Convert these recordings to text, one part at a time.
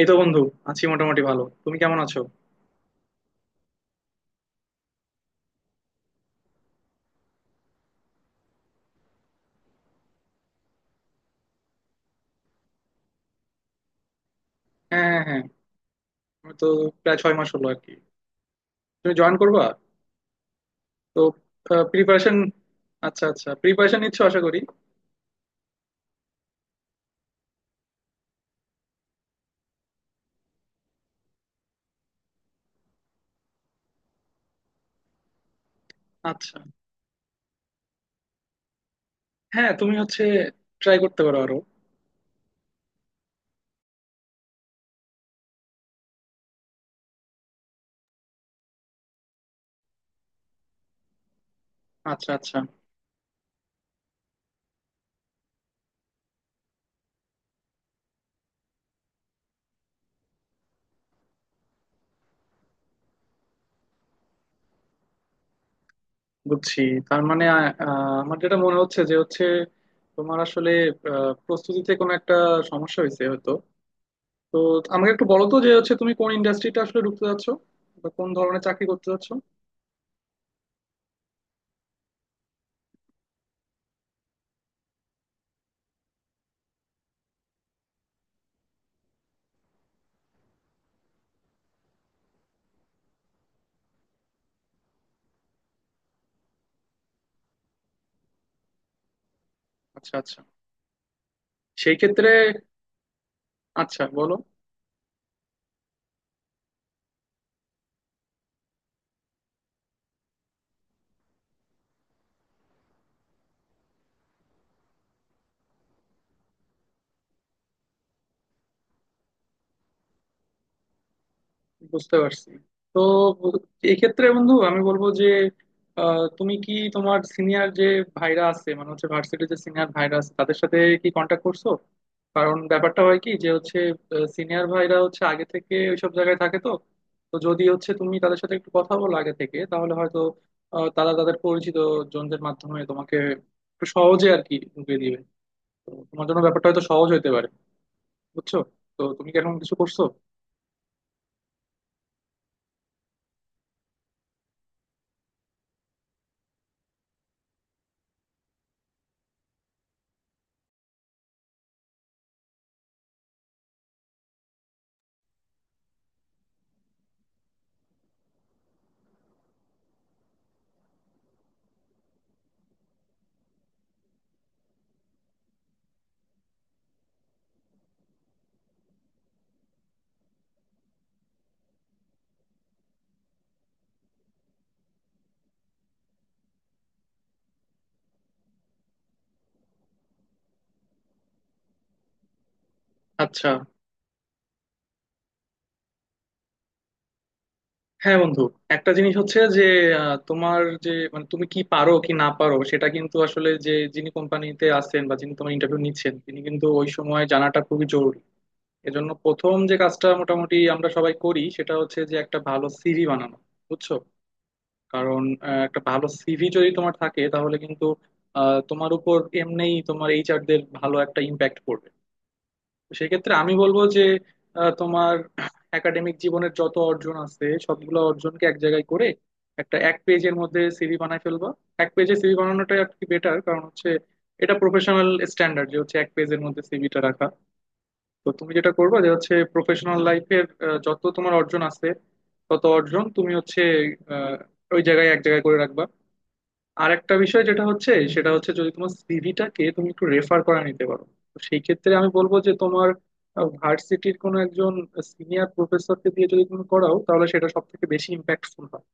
এই তো বন্ধু, আছি মোটামুটি ভালো। তুমি কেমন আছো? হ্যাঁ, হ্যাঁ, হ্যাঁ, আমি তো প্রায় 6 মাস হলো আর কি। তুমি জয়েন করবা? তো প্রিপারেশন, আচ্ছা আচ্ছা, প্রিপারেশন নিচ্ছ আশা করি। আচ্ছা, হ্যাঁ, তুমি হচ্ছে ট্রাই করতে পারো আরো। আচ্ছা আচ্ছা, বুঝছি। তার মানে আমার যেটা মনে হচ্ছে যে হচ্ছে তোমার আসলে প্রস্তুতিতে কোনো একটা সমস্যা হয়েছে হয়তো। তো আমাকে একটু বলো তো যে হচ্ছে তুমি কোন ইন্ডাস্ট্রিটা আসলে ঢুকতে যাচ্ছ বা কোন ধরনের চাকরি করতে যাচ্ছ? আচ্ছা আচ্ছা, সেই ক্ষেত্রে আচ্ছা বলো, বুঝতে পারছি। তো এক্ষেত্রে বন্ধু আমি বলবো যে তুমি কি তোমার সিনিয়র যে ভাইরা আছে, মানে হচ্ছে ভার্সিটির যে সিনিয়র ভাইরা আছে তাদের সাথে কি কন্ট্যাক্ট করছো? কারণ ব্যাপারটা হয় কি যে হচ্ছে সিনিয়র ভাইরা হচ্ছে আগে থেকে ওইসব জায়গায় থাকে। তো তো যদি হচ্ছে তুমি তাদের সাথে একটু কথা বলো আগে থেকে, তাহলে হয়তো তারা তাদের পরিচিত জনদের মাধ্যমে তোমাকে একটু সহজে আর কি ঢুকিয়ে দিবে। তো তোমার জন্য ব্যাপারটা হয়তো সহজ হতে পারে, বুঝছো? তো তুমি কি এখন কিছু করছো? আচ্ছা, হ্যাঁ বন্ধু, একটা জিনিস হচ্ছে যে তোমার যে মানে তুমি কি পারো কি না পারো সেটা কিন্তু আসলে যে যিনি কোম্পানিতে আছেন বা যিনি তোমার ইন্টারভিউ নিচ্ছেন তিনি কিন্তু ওই সময় জানাটা খুবই জরুরি। এজন্য প্রথম যে কাজটা মোটামুটি আমরা সবাই করি সেটা হচ্ছে যে একটা ভালো সিভি বানানো, বুঝছো? কারণ একটা ভালো সিভি যদি তোমার থাকে তাহলে কিন্তু তোমার উপর এমনিই তোমার এইচআর দের ভালো একটা ইম্প্যাক্ট পড়বে। সেক্ষেত্রে আমি বলবো যে তোমার একাডেমিক জীবনের যত অর্জন আছে সবগুলো অর্জনকে এক জায়গায় করে একটা এক পেজের মধ্যে সিভি বানায় ফেলবা। এক পেজে সিভি বানানোটাই আর কি বেটার, কারণ হচ্ছে এটা প্রফেশনাল স্ট্যান্ডার্ড যে হচ্ছে এক পেজের মধ্যে সিভিটা রাখা। তো তুমি যেটা করবা যে হচ্ছে প্রফেশনাল লাইফের যত তোমার অর্জন আছে তত অর্জন তুমি হচ্ছে আহ, ওই জায়গায় এক জায়গায় করে রাখবা। আর একটা বিষয় যেটা হচ্ছে সেটা হচ্ছে যদি তোমার সিভিটাকে তুমি একটু রেফার করে নিতে পারো, তো সেই ক্ষেত্রে আমি বলবো যে তোমার ভার্সিটির কোনো একজন সিনিয়র প্রফেসরকে দিয়ে যদি তুমি করাও তাহলে সেটা সব থেকে বেশি ইম্প্যাক্টফুল হয়।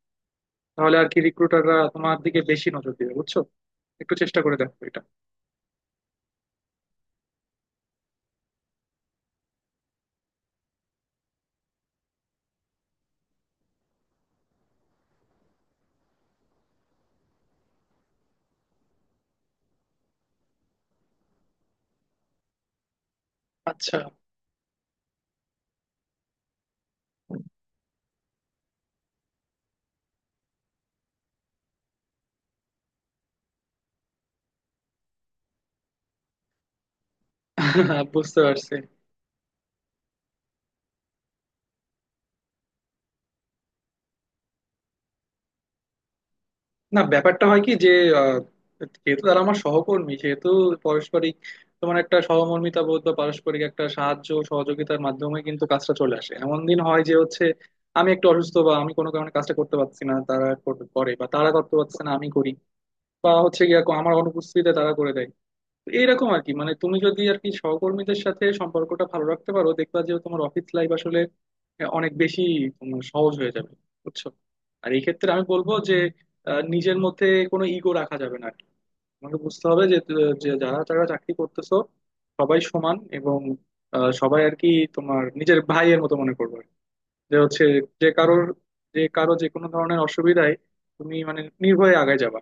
তাহলে আর কি রিক্রুটাররা তোমার দিকে বেশি নজর দিবে, বুঝছো? একটু চেষ্টা করে দেখো এটা। আচ্ছা। বুঝতে পারছি। না, ব্যাপারটা হয় কি যে আহ, যেহেতু তারা আমার সহকর্মী সেহেতু পারস্পরিক তোমার একটা সহমর্মিতা বোধ বা পারস্পরিক একটা সাহায্য ও সহযোগিতার মাধ্যমে কিন্তু কাজটা চলে আসে। এমন দিন হয় যে হচ্ছে আমি একটু অসুস্থ বা আমি কোনো কারণে কাজটা করতে পারছি না, তারা করে, বা তারা করতে পারছে না আমি করি, বা হচ্ছে গিয়ে আমার অনুপস্থিতিতে তারা করে দেয়। তো এইরকম আর কি, মানে তুমি যদি আর কি সহকর্মীদের সাথে সম্পর্কটা ভালো রাখতে পারো, দেখবা যে তোমার অফিস লাইফ আসলে অনেক বেশি তোমার সহজ হয়ে যাবে, বুঝছো? আর এই ক্ষেত্রে আমি বলবো যে নিজের মধ্যে কোনো ইগো রাখা যাবে না আর কি। তোমাকে বুঝতে হবে যে যে যারা যারা চাকরি করতেছো সবাই সমান, এবং সবাই আর কি তোমার নিজের ভাইয়ের মতো মনে করবে আর কি। যে হচ্ছে যে কারোর, যে কারো যে কোনো ধরনের অসুবিধায় তুমি মানে নির্ভয়ে আগায় যাবা।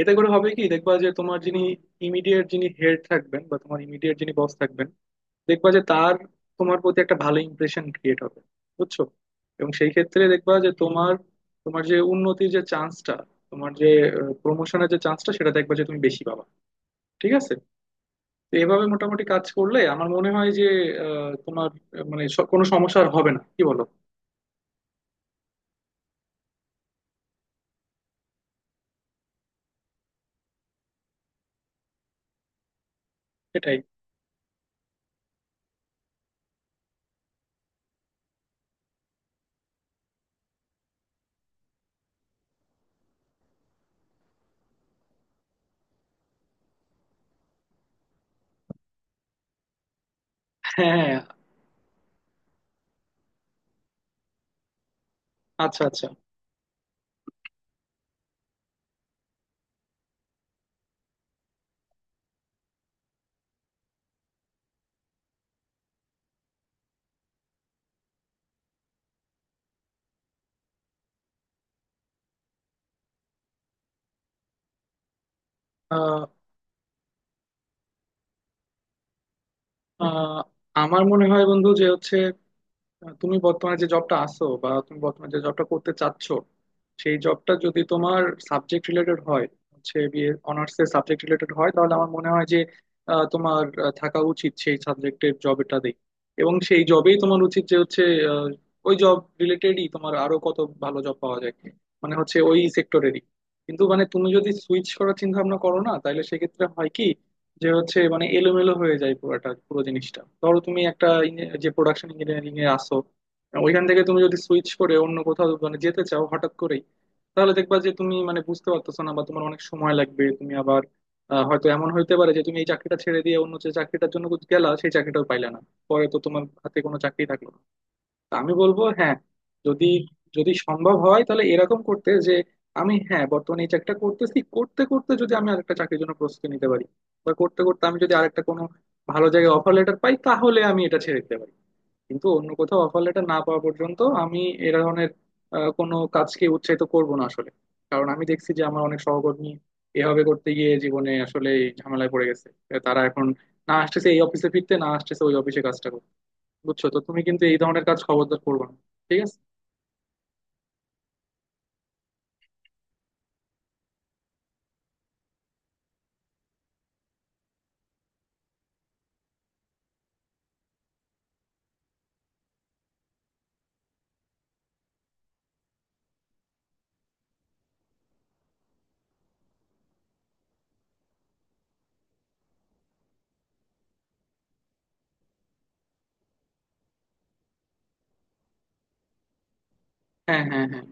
এতে করে হবে কি, দেখবা যে তোমার যিনি ইমিডিয়েট যিনি হেড থাকবেন বা তোমার ইমিডিয়েট যিনি বস থাকবেন, দেখবা যে তার তোমার প্রতি একটা ভালো ইমপ্রেশন ক্রিয়েট হবে, বুঝছো? এবং সেই ক্ষেত্রে দেখবা যে তোমার তোমার যে উন্নতির যে চান্সটা, তোমার যে প্রমোশনের যে চান্সটা সেটা দেখবা যে তুমি বেশি পাবা। ঠিক আছে? তো এভাবে মোটামুটি কাজ করলে আমার মনে হয় যে তোমার মানে কোনো সমস্যা আর হবে না, কি বলো? এটাই। হ্যাঁ। আচ্ছা আচ্ছা। আহ, আহ, আমার মনে হয় বন্ধু যে হচ্ছে তুমি বর্তমানে যে জবটা আছো বা তুমি বর্তমানে যে জবটা করতে চাচ্ছ, সেই জবটা যদি তোমার সাবজেক্ট রিলেটেড হয়, হচ্ছে বিএ অনার্স এর সাবজেক্ট রিলেটেড হয়, তাহলে আমার মনে হয় যে তোমার থাকা উচিত সেই সাবজেক্টের জবটাতেই। এবং সেই জবেই তোমার উচিত যে হচ্ছে আহ, ওই জব রিলেটেডই তোমার আরো কত ভালো জব পাওয়া যায়, মানে হচ্ছে ওই সেক্টরেরই। কিন্তু মানে তুমি যদি সুইচ করার চিন্তা ভাবনা করো না, তাহলে সেক্ষেত্রে হয় কি যে হচ্ছে মানে এলোমেলো হয়ে যায় পুরোটা পুরো জিনিসটা। ধরো তুমি একটা যে প্রোডাকশন ইঞ্জিনিয়ারিং এ আসো, ওইখান থেকে তুমি যদি সুইচ করে অন্য কোথাও মানে যেতে চাও হঠাৎ করেই, তাহলে দেখবা যে তুমি মানে বুঝতে পারতেছো না বা তোমার অনেক সময় লাগবে তুমি আবার হয়তো এমন হইতে পারে যে তুমি এই চাকরিটা ছেড়ে দিয়ে অন্য যে চাকরিটার জন্য গেলা সেই চাকরিটাও পাইলা না, পরে তো তোমার হাতে কোনো চাকরি থাকলো না। তো আমি বলবো, হ্যাঁ, যদি যদি সম্ভব হয় তাহলে এরকম করতে, যে আমি হ্যাঁ বর্তমানে এই চাকরিটা করতেছি, করতে করতে যদি আমি আরেকটা চাকরির জন্য প্রস্তুতি নিতে পারি বা করতে করতে আমি যদি আরেকটা কোনো ভালো জায়গায় অফার লেটার পাই তাহলে আমি এটা ছেড়ে দিতে পারি। কিন্তু অন্য কোথাও অফার লেটার না পাওয়া পর্যন্ত আমি এ ধরনের কোনো কাজকে উৎসাহিত করব না আসলে। কারণ আমি দেখছি যে আমার অনেক সহকর্মী এভাবে করতে গিয়ে জীবনে আসলে ঝামেলায় পড়ে গেছে। তারা এখন না আসতেছে এই অফিসে ফিরতে, না আসতেছে ওই অফিসে কাজটা করতে। বুঝছো? তো তুমি কিন্তু এই ধরনের কাজ খবরদার করবে না, ঠিক আছে? হ্যাঁ, হ্যাঁ, হ্যাঁ।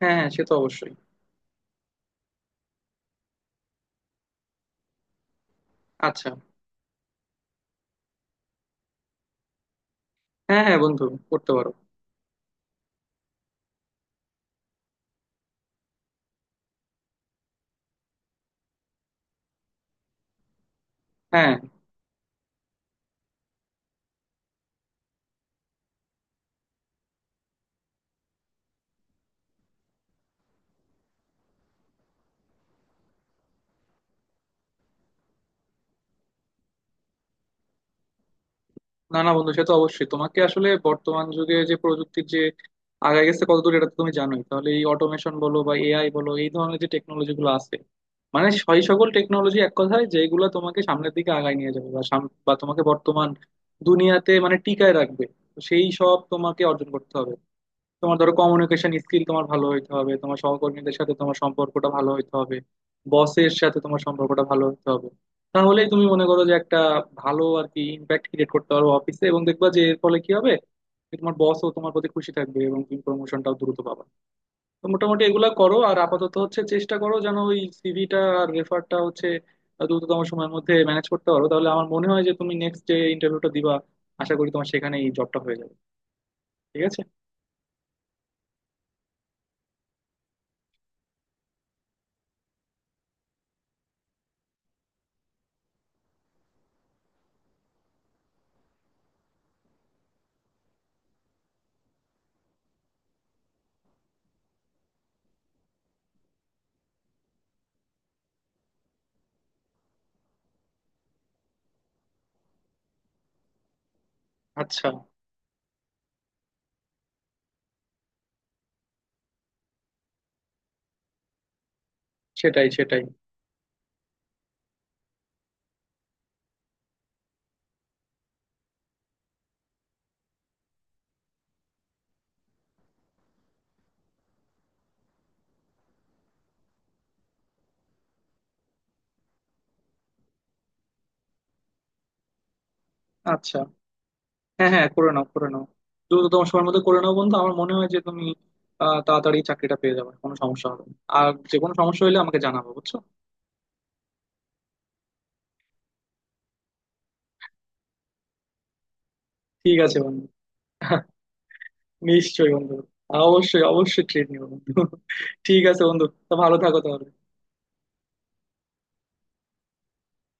হ্যাঁ হ্যাঁ, সে তো অবশ্যই। আচ্ছা, হ্যাঁ হ্যাঁ বন্ধু, করতে পারো। হ্যাঁ, না না বন্ধু, সে তো অবশ্যই তোমাকে আসলে বর্তমান যুগে যে প্রযুক্তির যে আগায় গেছে কতদূর এটা তো তুমি জানোই। তাহলে এই অটোমেশন বলো বা এআই বলো, এই ধরনের যে টেকনোলজি গুলো আছে, মানে সেই সকল টেকনোলজি এক কথায় যেগুলো তোমাকে সামনের দিকে আগায় নিয়ে যাবে বা বা তোমাকে বর্তমান দুনিয়াতে মানে টিকায় রাখবে, তো সেই সব তোমাকে অর্জন করতে হবে। তোমার ধরো কমিউনিকেশন স্কিল তোমার ভালো হইতে হবে, তোমার সহকর্মীদের সাথে তোমার সম্পর্কটা ভালো হইতে হবে, বসের সাথে তোমার সম্পর্কটা ভালো হইতে হবে। তাহলেই তুমি মনে করো যে একটা ভালো আর কি ইম্প্যাক্ট ক্রিয়েট করতে পারো অফিসে, এবং দেখবা যে এর ফলে কি হবে, যে তোমার বসও তোমার প্রতি খুশি থাকবে এবং তুমি প্রমোশনটাও দ্রুত পাবা। তো মোটামুটি এগুলা করো, আর আপাতত হচ্ছে চেষ্টা করো যেন ওই সিভিটা আর রেফারটা হচ্ছে দ্রুততম সময়ের মধ্যে ম্যানেজ করতে পারো, তাহলে আমার মনে হয় যে তুমি নেক্সট যে ইন্টারভিউটা দিবা, আশা করি তোমার সেখানেই জবটা হয়ে যাবে। ঠিক আছে? আচ্ছা, সেটাই সেটাই। আচ্ছা, হ্যাঁ হ্যাঁ, করে নাও করে নাও, দ্রুত তোমার সময়ের মধ্যে করে নাও বন্ধু। আমার মনে হয় যে তুমি তাড়াতাড়ি চাকরিটা পেয়ে যাবে, কোনো সমস্যা হবে না। আর যে কোনো সমস্যা হলে আমাকে জানাবো, বুঝছো? ঠিক আছে বন্ধু। নিশ্চয়ই বন্ধু। অবশ্যই অবশ্যই, ট্রেন নিবো বন্ধু। ঠিক আছে বন্ধু, তো ভালো থাকো তাহলে।